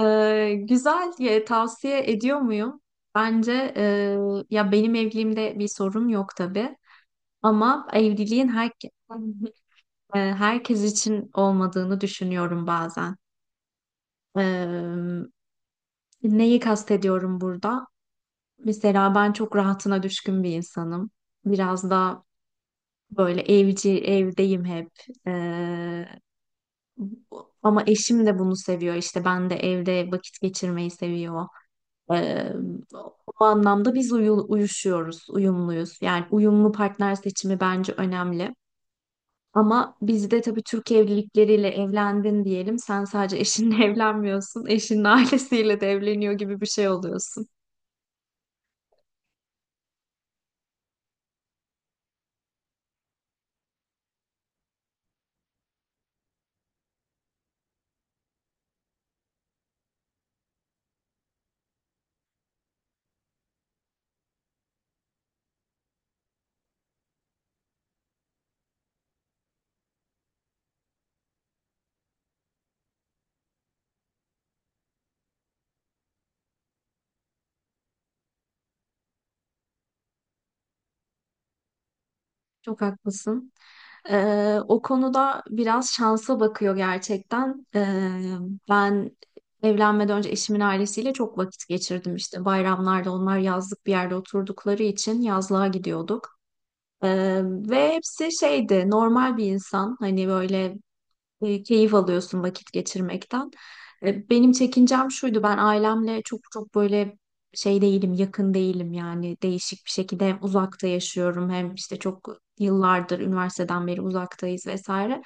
Güzel diye tavsiye ediyor muyum? Bence, ya benim evliliğimde bir sorun yok tabii ama herkes için olmadığını düşünüyorum bazen. Ee, Neyi kastediyorum burada? Mesela ben çok rahatına düşkün bir insanım. Biraz da böyle evci, evdeyim hep. Ee, Ama eşim de bunu seviyor. İşte ben de evde vakit geçirmeyi seviyor. Ee, O anlamda biz uyuşuyoruz, uyumluyuz. Yani uyumlu partner seçimi bence önemli. Ama bizde tabii Türk evlilikleriyle evlendin diyelim. Sen sadece eşinle evlenmiyorsun. Eşinin ailesiyle de evleniyor gibi bir şey oluyorsun. Çok haklısın. O konuda biraz şansa bakıyor gerçekten. Ben evlenmeden önce eşimin ailesiyle çok vakit geçirdim işte. Bayramlarda onlar yazlık bir yerde oturdukları için yazlığa gidiyorduk. Ve hepsi şeydi, normal bir insan, hani böyle, keyif alıyorsun vakit geçirmekten. Benim çekincem şuydu, ben ailemle çok çok böyle şey değilim, yakın değilim. Yani değişik bir şekilde hem uzakta yaşıyorum hem işte çok yıllardır üniversiteden beri uzaktayız vesaire.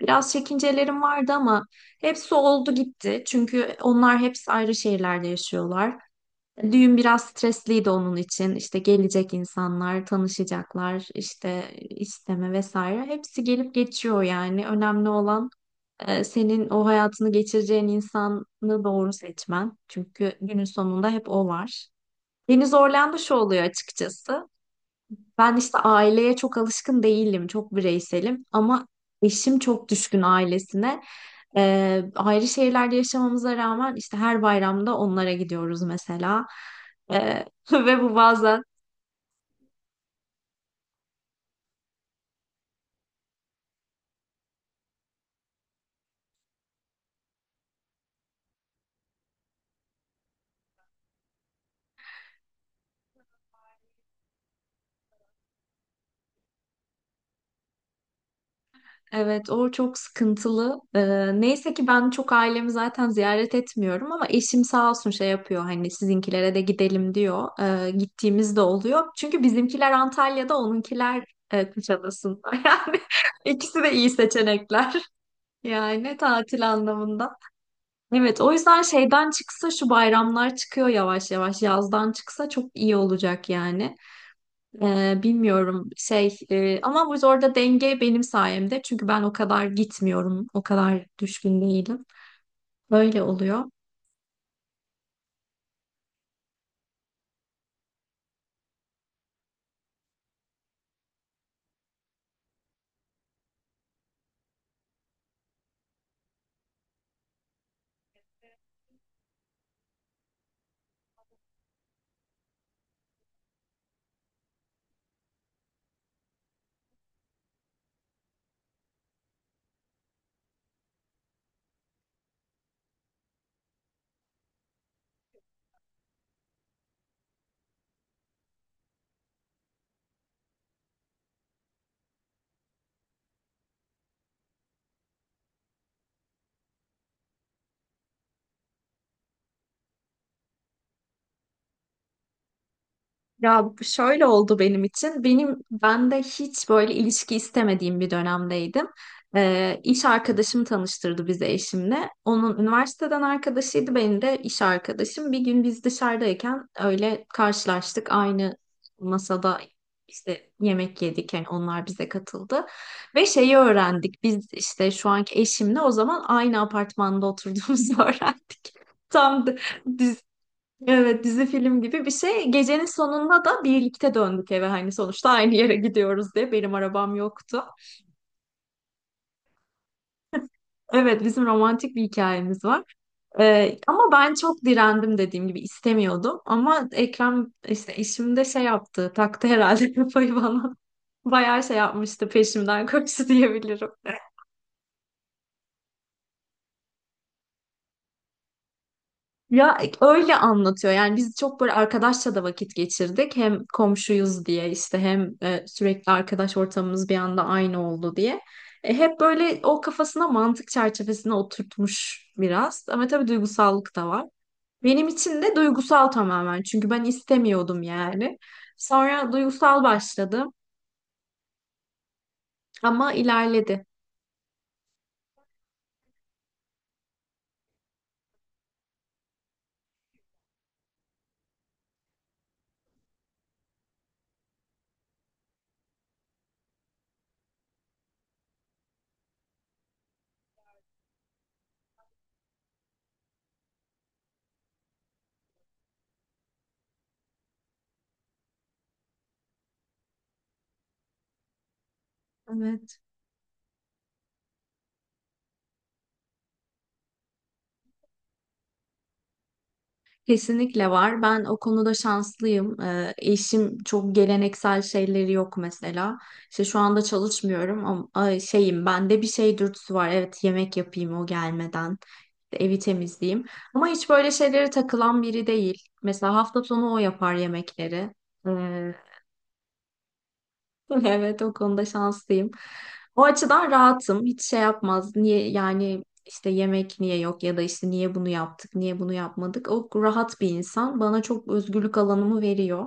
Biraz çekincelerim vardı ama hepsi oldu gitti, çünkü onlar hepsi ayrı şehirlerde yaşıyorlar. Düğün biraz stresliydi onun için. İşte gelecek insanlar, tanışacaklar, işte isteme vesaire. Hepsi gelip geçiyor yani. Önemli olan senin o hayatını geçireceğin insanı doğru seçmen. Çünkü günün sonunda hep o var. Beni zorlayan da şu oluyor açıkçası. Ben işte aileye çok alışkın değilim, çok bireyselim ama eşim çok düşkün ailesine. Ayrı şehirlerde yaşamamıza rağmen işte her bayramda onlara gidiyoruz mesela. Ee, Ve bu bazen, evet, o çok sıkıntılı. Neyse ki ben çok ailemi zaten ziyaret etmiyorum, ama eşim sağ olsun şey yapıyor, hani sizinkilere de gidelim diyor. Gittiğimiz de oluyor. Çünkü bizimkiler Antalya'da, onunkiler Kuşadası'nda. Yani ikisi de iyi seçenekler. Yani tatil anlamında. Evet, o yüzden şeyden çıksa şu bayramlar, çıkıyor yavaş yavaş. Yazdan çıksa çok iyi olacak yani. Bilmiyorum şey, ama bu orada denge benim sayemde. Çünkü ben o kadar gitmiyorum. O kadar düşkün değilim. Böyle oluyor. Ya şöyle oldu benim için. Ben de hiç böyle ilişki istemediğim bir dönemdeydim. İş arkadaşım tanıştırdı bizi eşimle. Onun üniversiteden arkadaşıydı, benim de iş arkadaşım. Bir gün biz dışarıdayken öyle karşılaştık. Aynı masada işte yemek yedik. Yani onlar bize katıldı. Ve şeyi öğrendik. Biz işte şu anki eşimle o zaman aynı apartmanda oturduğumuzu öğrendik. Tam da- Evet, dizi film gibi bir şey. Gecenin sonunda da birlikte döndük eve, hani sonuçta aynı yere gidiyoruz diye. Benim arabam yoktu. Evet, bizim romantik bir hikayemiz var. Ama ben çok direndim, dediğim gibi istemiyordum. Ama Ekrem işte işimde şey yaptı, taktı herhalde kafayı bana. Bayağı şey yapmıştı, peşimden koştu diyebilirim. Ya öyle anlatıyor. Yani biz çok böyle arkadaşça da vakit geçirdik. Hem komşuyuz diye işte, hem sürekli arkadaş ortamımız bir anda aynı oldu diye. Hep böyle o kafasına mantık çerçevesine oturtmuş biraz. Ama tabii duygusallık da var. Benim için de duygusal tamamen. Çünkü ben istemiyordum yani. Sonra duygusal başladım ama ilerledi. Evet. Kesinlikle var. Ben o konuda şanslıyım. Eşim çok geleneksel şeyleri yok mesela. İşte şu anda çalışmıyorum ama, ay, şeyim, bende bir şey dürtüsü var. Evet, yemek yapayım o gelmeden. Evi temizleyeyim. Ama hiç böyle şeylere takılan biri değil. Mesela hafta sonu o yapar yemekleri. Ee, Evet, o konuda şanslıyım. O açıdan rahatım. Hiç şey yapmaz. Niye yani işte yemek niye yok, ya da işte niye bunu yaptık, niye bunu yapmadık. O rahat bir insan. Bana çok özgürlük alanımı veriyor.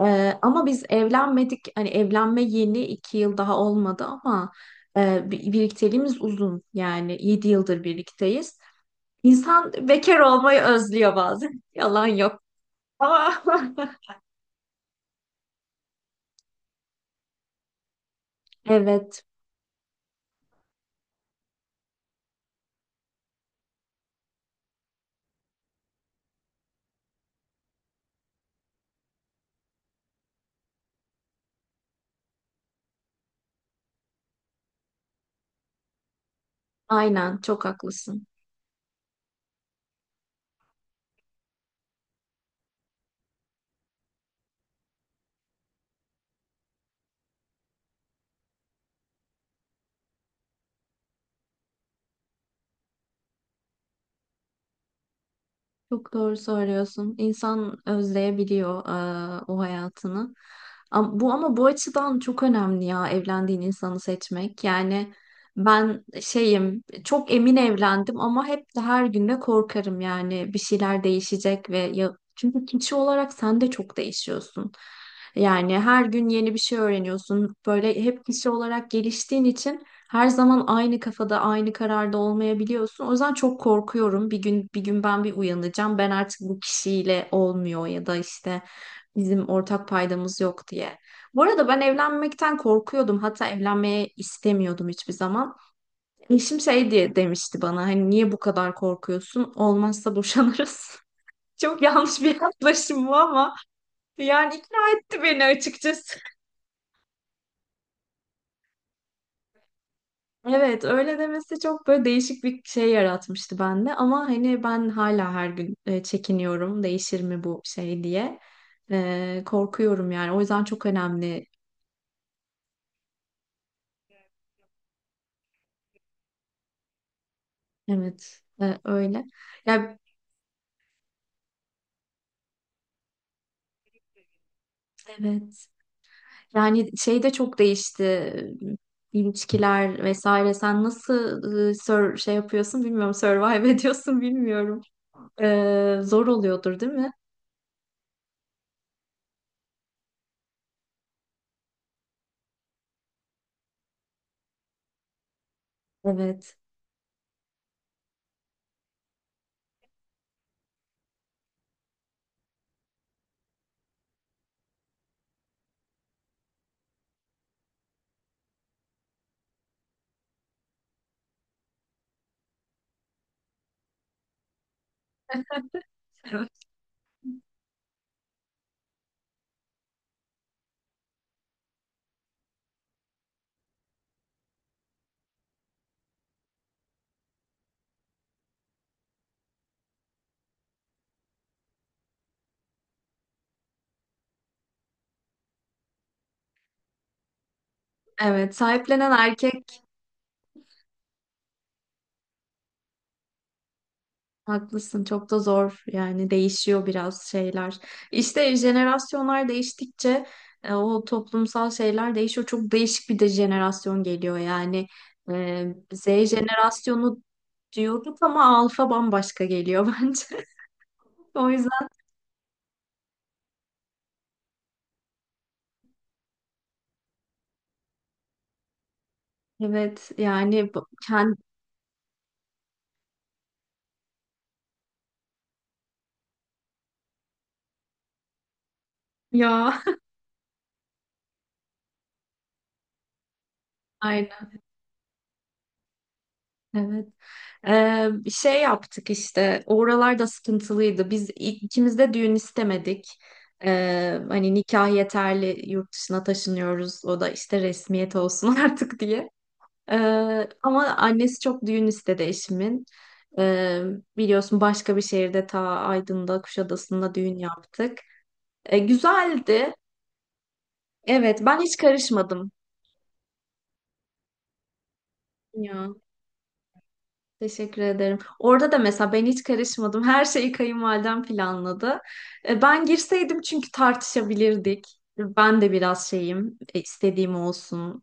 Ama biz evlenmedik. Hani evlenme yeni 2 yıl daha olmadı ama birlikteliğimiz uzun. Yani 7 yıldır birlikteyiz. İnsan bekar olmayı özlüyor bazen. Yalan yok. Ama evet, aynen, çok haklısın. Çok doğru söylüyorsun. İnsan özleyebiliyor o hayatını. Ama bu açıdan çok önemli ya, evlendiğin insanı seçmek. Yani ben şeyim, çok emin evlendim ama hep de her gün de korkarım, yani bir şeyler değişecek ve ya, çünkü kişi olarak sen de çok değişiyorsun. Yani her gün yeni bir şey öğreniyorsun. Böyle hep kişi olarak geliştiğin için her zaman aynı kafada, aynı kararda olmayabiliyorsun. O yüzden çok korkuyorum. Bir gün bir gün ben bir uyanacağım. Ben artık bu kişiyle olmuyor ya da işte bizim ortak paydamız yok diye. Bu arada ben evlenmekten korkuyordum. Hatta evlenmeye istemiyordum hiçbir zaman. Eşim şey diye demişti bana, hani niye bu kadar korkuyorsun? Olmazsa boşanırız. Çok yanlış bir yaklaşım bu ama yani ikna etti beni açıkçası. Evet, öyle demesi çok böyle değişik bir şey yaratmıştı bende, ama hani ben hala her gün çekiniyorum, değişir mi bu şey diye. Korkuyorum yani, o yüzden çok önemli. Evet, öyle ya, evet. Yani şey de çok değişti, ilişkiler vesaire. Sen nasıl şey yapıyorsun bilmiyorum, survive ediyorsun bilmiyorum. Zor oluyordur değil mi? Evet. Evet. Evet, sahiplenen erkek. Haklısın, çok da zor yani, değişiyor biraz şeyler. İşte jenerasyonlar değiştikçe, o toplumsal şeyler değişiyor. Çok değişik bir de jenerasyon geliyor yani. E, Z jenerasyonu diyorduk ama alfa bambaşka geliyor bence. O yüzden evet yani, ya aynen, evet. Şey yaptık işte, oralar da sıkıntılıydı. Biz ikimiz de düğün istemedik. Hani nikah yeterli, yurt dışına taşınıyoruz. O da işte resmiyet olsun artık diye. Ama annesi çok düğün istedi eşimin. Ee, Biliyorsun başka bir şehirde, ta Aydın'da, Kuşadası'nda düğün yaptık. Güzeldi. Evet, ben hiç karışmadım. Ya. Teşekkür ederim. Orada da mesela ben hiç karışmadım. Her şeyi kayınvalidem planladı. Ben girseydim çünkü tartışabilirdik. Ben de biraz şeyim, istediğim olsun.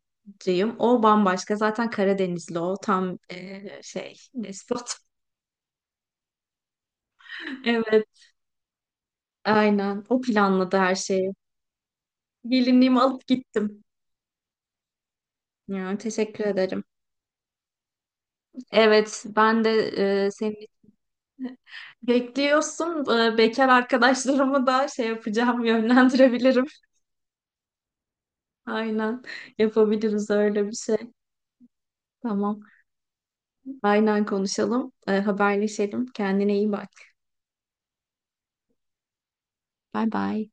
O bambaşka. Zaten Karadenizli o. Tam, şey, despot. Evet, aynen. O planladı her şeyi. Gelinliğimi alıp gittim. Ya, teşekkür ederim. Evet, ben de, senin bekliyorsun. Bekar arkadaşlarımı da şey yapacağım, yönlendirebilirim. Aynen, yapabiliriz öyle bir şey. Tamam. Aynen, konuşalım. Haberleşelim. Kendine iyi bak. Bay bay.